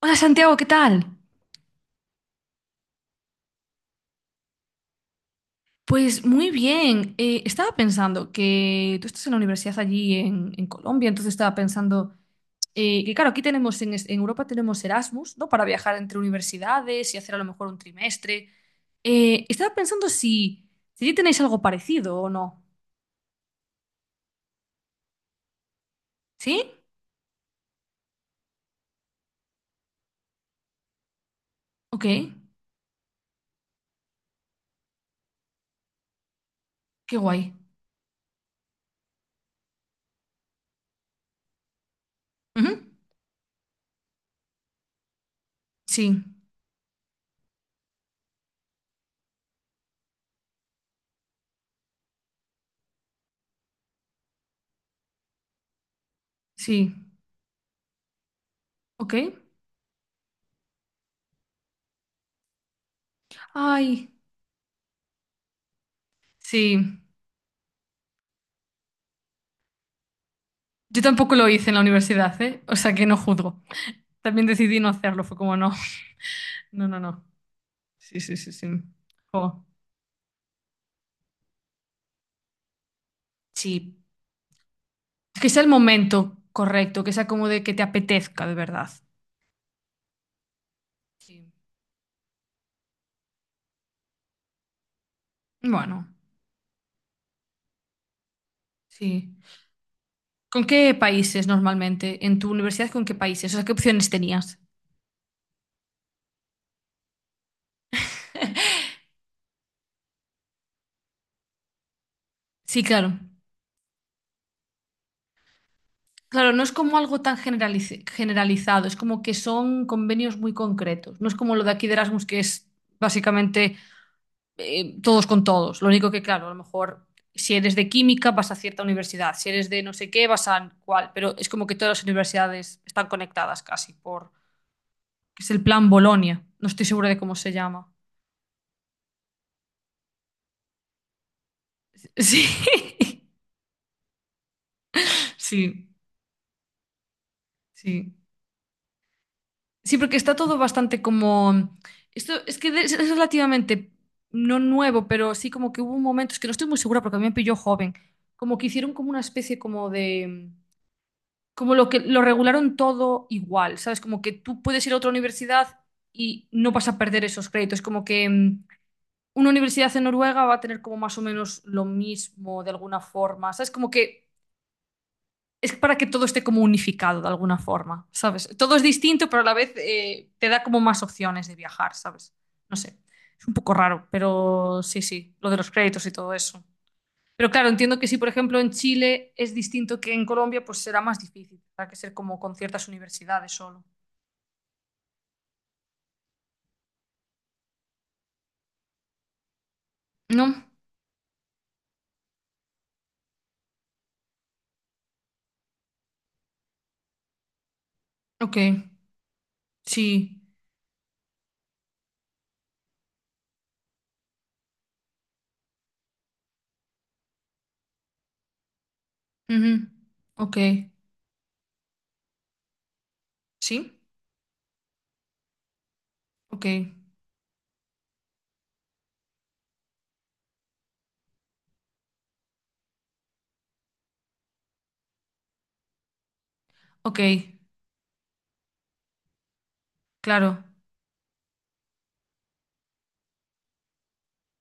Hola Santiago, ¿qué tal? Pues muy bien. Estaba pensando que tú estás en la universidad allí en Colombia, entonces estaba pensando que claro, aquí tenemos en Europa tenemos Erasmus, ¿no? Para viajar entre universidades y hacer a lo mejor un trimestre. Estaba pensando si allí tenéis algo parecido o no. ¿Sí? Ok, qué guay. Ujú. Sí, sí, ok. Ay, sí. Yo tampoco lo hice en la universidad, ¿eh? O sea que no juzgo. También decidí no hacerlo, fue como no. No, no, no. Sí, sí, sí, sí. Jo, sí. Que sea el momento correcto, que sea como de que te apetezca de verdad. Sí. Bueno, sí. ¿Con qué países normalmente? ¿En tu universidad con qué países? O sea, ¿qué opciones tenías? Sí, claro. Claro, no es como algo tan generalizado, es como que son convenios muy concretos. No es como lo de aquí de Erasmus, que es básicamente todos con todos. Lo único que, claro, a lo mejor si eres de química vas a cierta universidad, si eres de no sé qué vas a cuál, pero es como que todas las universidades están conectadas casi por... Es el plan Bolonia, no estoy segura de cómo se llama. Sí, sí, sí. Sí, porque está todo bastante como... Esto es que es relativamente, no nuevo, pero sí como que hubo un momento, es que no estoy muy segura porque a mí me pilló joven, como que hicieron como una especie como de como lo que lo regularon todo igual, ¿sabes? Como que tú puedes ir a otra universidad y no vas a perder esos créditos, como que una universidad en Noruega va a tener como más o menos lo mismo de alguna forma, ¿sabes? Como que es para que todo esté como unificado de alguna forma, ¿sabes? Todo es distinto, pero a la vez te da como más opciones de viajar, ¿sabes? No sé, es un poco raro, pero sí, sí, lo de los créditos y todo eso. Pero claro, entiendo que si, por ejemplo, en Chile es distinto que en Colombia, pues será más difícil. Tendrá que ser como con ciertas universidades solo. ¿No? Ok. Sí. Ujú. Ok. ¿Sí? Ok. Ok. Claro.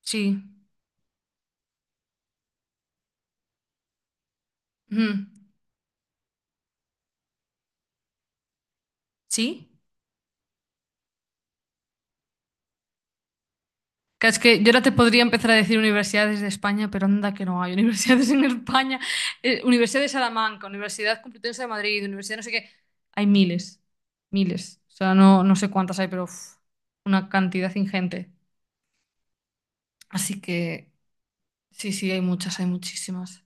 Sí. Ujú. ¿Sí? Claro, es que yo ahora te podría empezar a decir universidades de España, pero anda que no hay universidades en España. Universidad de Salamanca, Universidad Complutense de Madrid, Universidad no sé qué. Hay miles, miles. O sea, no, no sé cuántas hay, pero uf, una cantidad ingente. Así que sí, sí, hay muchas, hay muchísimas.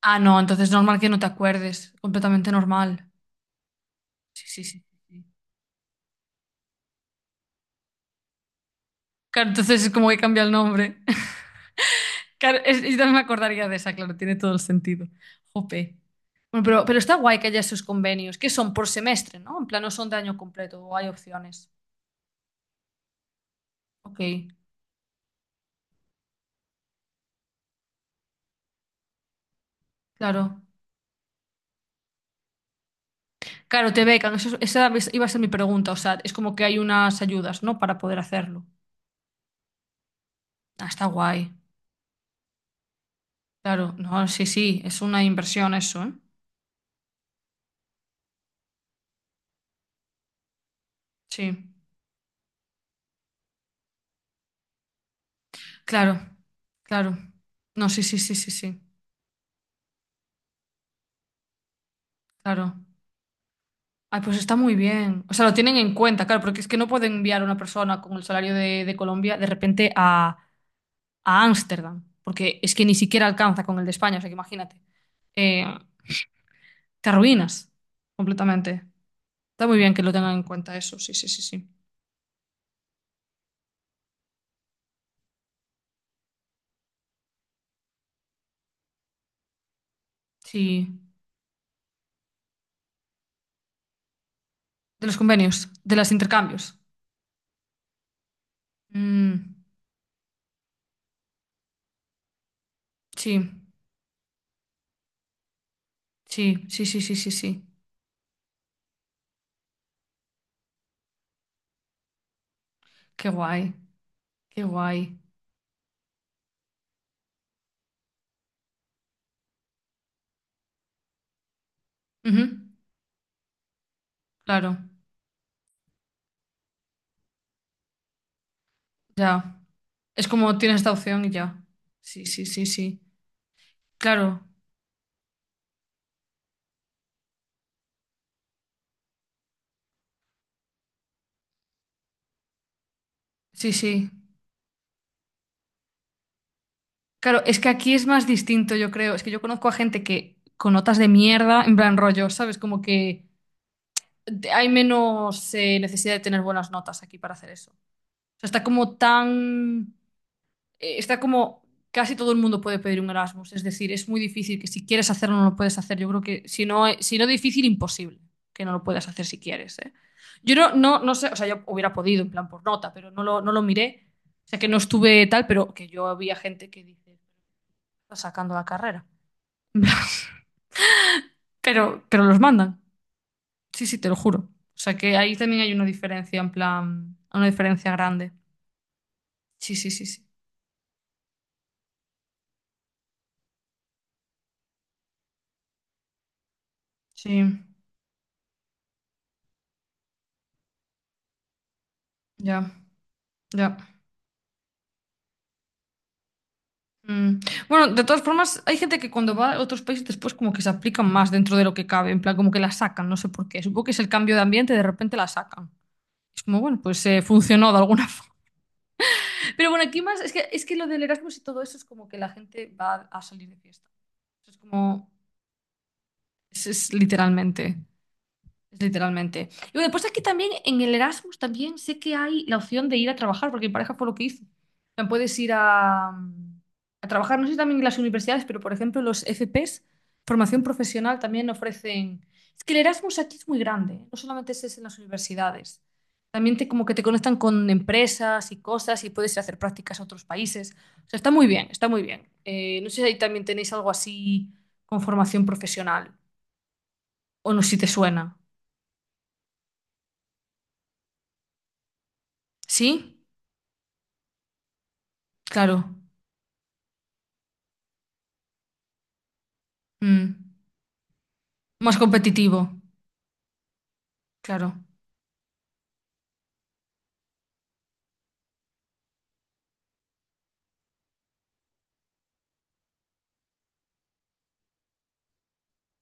Ah, no, entonces normal que no te acuerdes. Completamente normal. Sí, sí, sí. Sí. Sí. Claro, entonces es como que cambia el nombre. Claro, yo también me acordaría de esa, claro, tiene todo el sentido. Jope. Bueno, pero está guay que haya esos convenios, que son por semestre, ¿no? En plan, no son de año completo, o hay opciones. Ok, claro. Claro, te becan, esa iba a ser mi pregunta, o sea, es como que hay unas ayudas, ¿no? Para poder hacerlo. Ah, está guay. Claro, no, sí, sí, es una inversión eso, ¿eh? Sí, claro, claro. No, sí, sí, sí, sí, sí, claro. Ay, pues está muy bien. O sea, lo tienen en cuenta, claro, porque es que no pueden enviar a una persona con el salario de Colombia de repente a Ámsterdam, porque es que ni siquiera alcanza con el de España, o sea que imagínate. Eh, Te arruinas completamente. Está muy bien que lo tengan en cuenta eso, sí, sí, sí, sí. Sí, de los convenios, de los intercambios. Mm, sí, sí, sí, sí, sí, sí, sí. Qué guay, qué guay. Ujú, claro, ya. Es como tienes esta opción y ya. Sí, sí, sí, sí. Claro. Sí, sí. Claro, es que aquí es más distinto, yo creo. Es que yo conozco a gente que con notas de mierda, en plan rollo, ¿sabes? Como que hay menos necesidad de tener buenas notas aquí para hacer eso. O sea, está como tan... está como... Casi todo el mundo puede pedir un Erasmus. Es decir, es muy difícil que si quieres hacerlo no lo puedes hacer. Yo creo que si no, si no difícil, imposible que no lo puedas hacer si quieres, ¿eh? Yo no, no, no sé, o sea, yo hubiera podido en plan por nota, pero no lo miré. O sea, que no estuve tal, pero que yo había gente que dice... sacando la carrera. Pero los mandan. Sí, sí, te lo juro. O sea que ahí también hay una diferencia, en plan, una diferencia grande. Sí, sí, sí, sí. Sí, ya, ya. Mm. Bueno, de todas formas, hay gente que cuando va a otros países después como que se aplican más dentro de lo que cabe, en plan como que la sacan, no sé por qué. Supongo que es el cambio de ambiente, de repente la sacan. Es como, bueno, pues funcionó de alguna forma. Pero bueno, aquí más, es que lo del Erasmus y todo eso es como que la gente va a salir de fiesta. Es como, es literalmente. Literalmente. Y bueno, después aquí también, en el Erasmus también sé que hay la opción de ir a trabajar, porque mi pareja fue lo que hizo. O sea, puedes ir a trabajar, no sé si también en las universidades, pero por ejemplo los FPs, formación profesional, también ofrecen... Es que el Erasmus aquí es muy grande, ¿eh? No solamente es en las universidades. También te, como que te conectan con empresas y cosas y puedes ir a hacer prácticas a otros países. O sea, está muy bien, está muy bien. No sé si ahí también tenéis algo así con formación profesional o no, si te suena. ¿Sí? Claro. Mm. Más competitivo. Claro.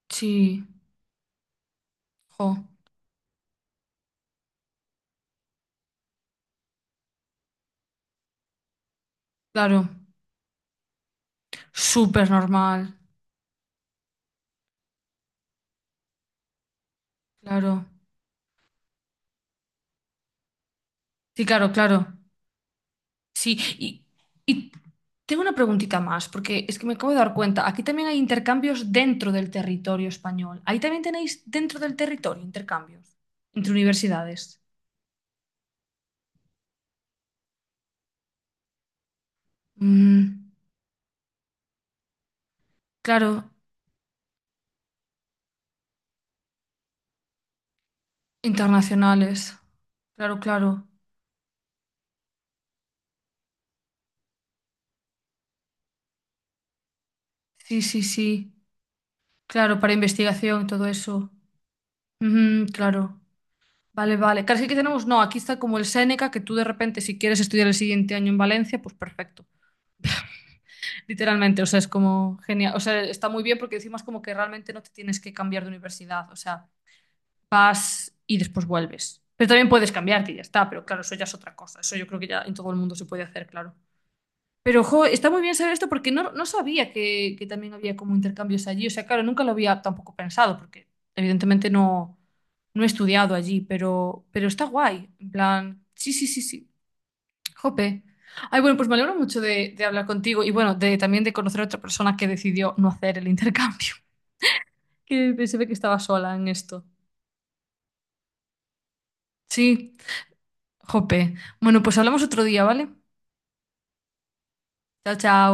Sí. Jo. Claro. Súper normal. Claro. Sí, claro, claro. Sí. Y tengo una preguntita más, porque es que me acabo de dar cuenta. Aquí también hay intercambios dentro del territorio español. Ahí también tenéis dentro del territorio intercambios entre universidades. Mm. Claro. Internacionales. Claro, claro. Sí, sí, sí. Claro, para investigación, todo eso. Ujú, claro. Vale, vale. Claro, es que aquí tenemos, no, aquí está como el Séneca, que tú de repente, si quieres estudiar el siguiente año en Valencia, pues perfecto. Literalmente, o sea, es como genial. O sea, está muy bien porque decimos como que realmente no te tienes que cambiar de universidad. O sea, vas y después vuelves. Pero también puedes cambiarte y ya está, pero claro, eso ya es otra cosa. Eso yo creo que ya en todo el mundo se puede hacer, claro. Pero, jo, está muy bien saber esto porque no, no sabía que también había como intercambios allí. O sea, claro, nunca lo había tampoco pensado porque evidentemente no, no he estudiado allí, pero está guay. En plan, sí, sí, sí, sí. Jope. Ay, bueno, pues me alegro mucho de hablar contigo y bueno, de, también de conocer a otra persona que decidió no hacer el intercambio, que se ve que estaba sola en esto. Sí, jope. Bueno, pues hablamos otro día, ¿vale? Chao, chao.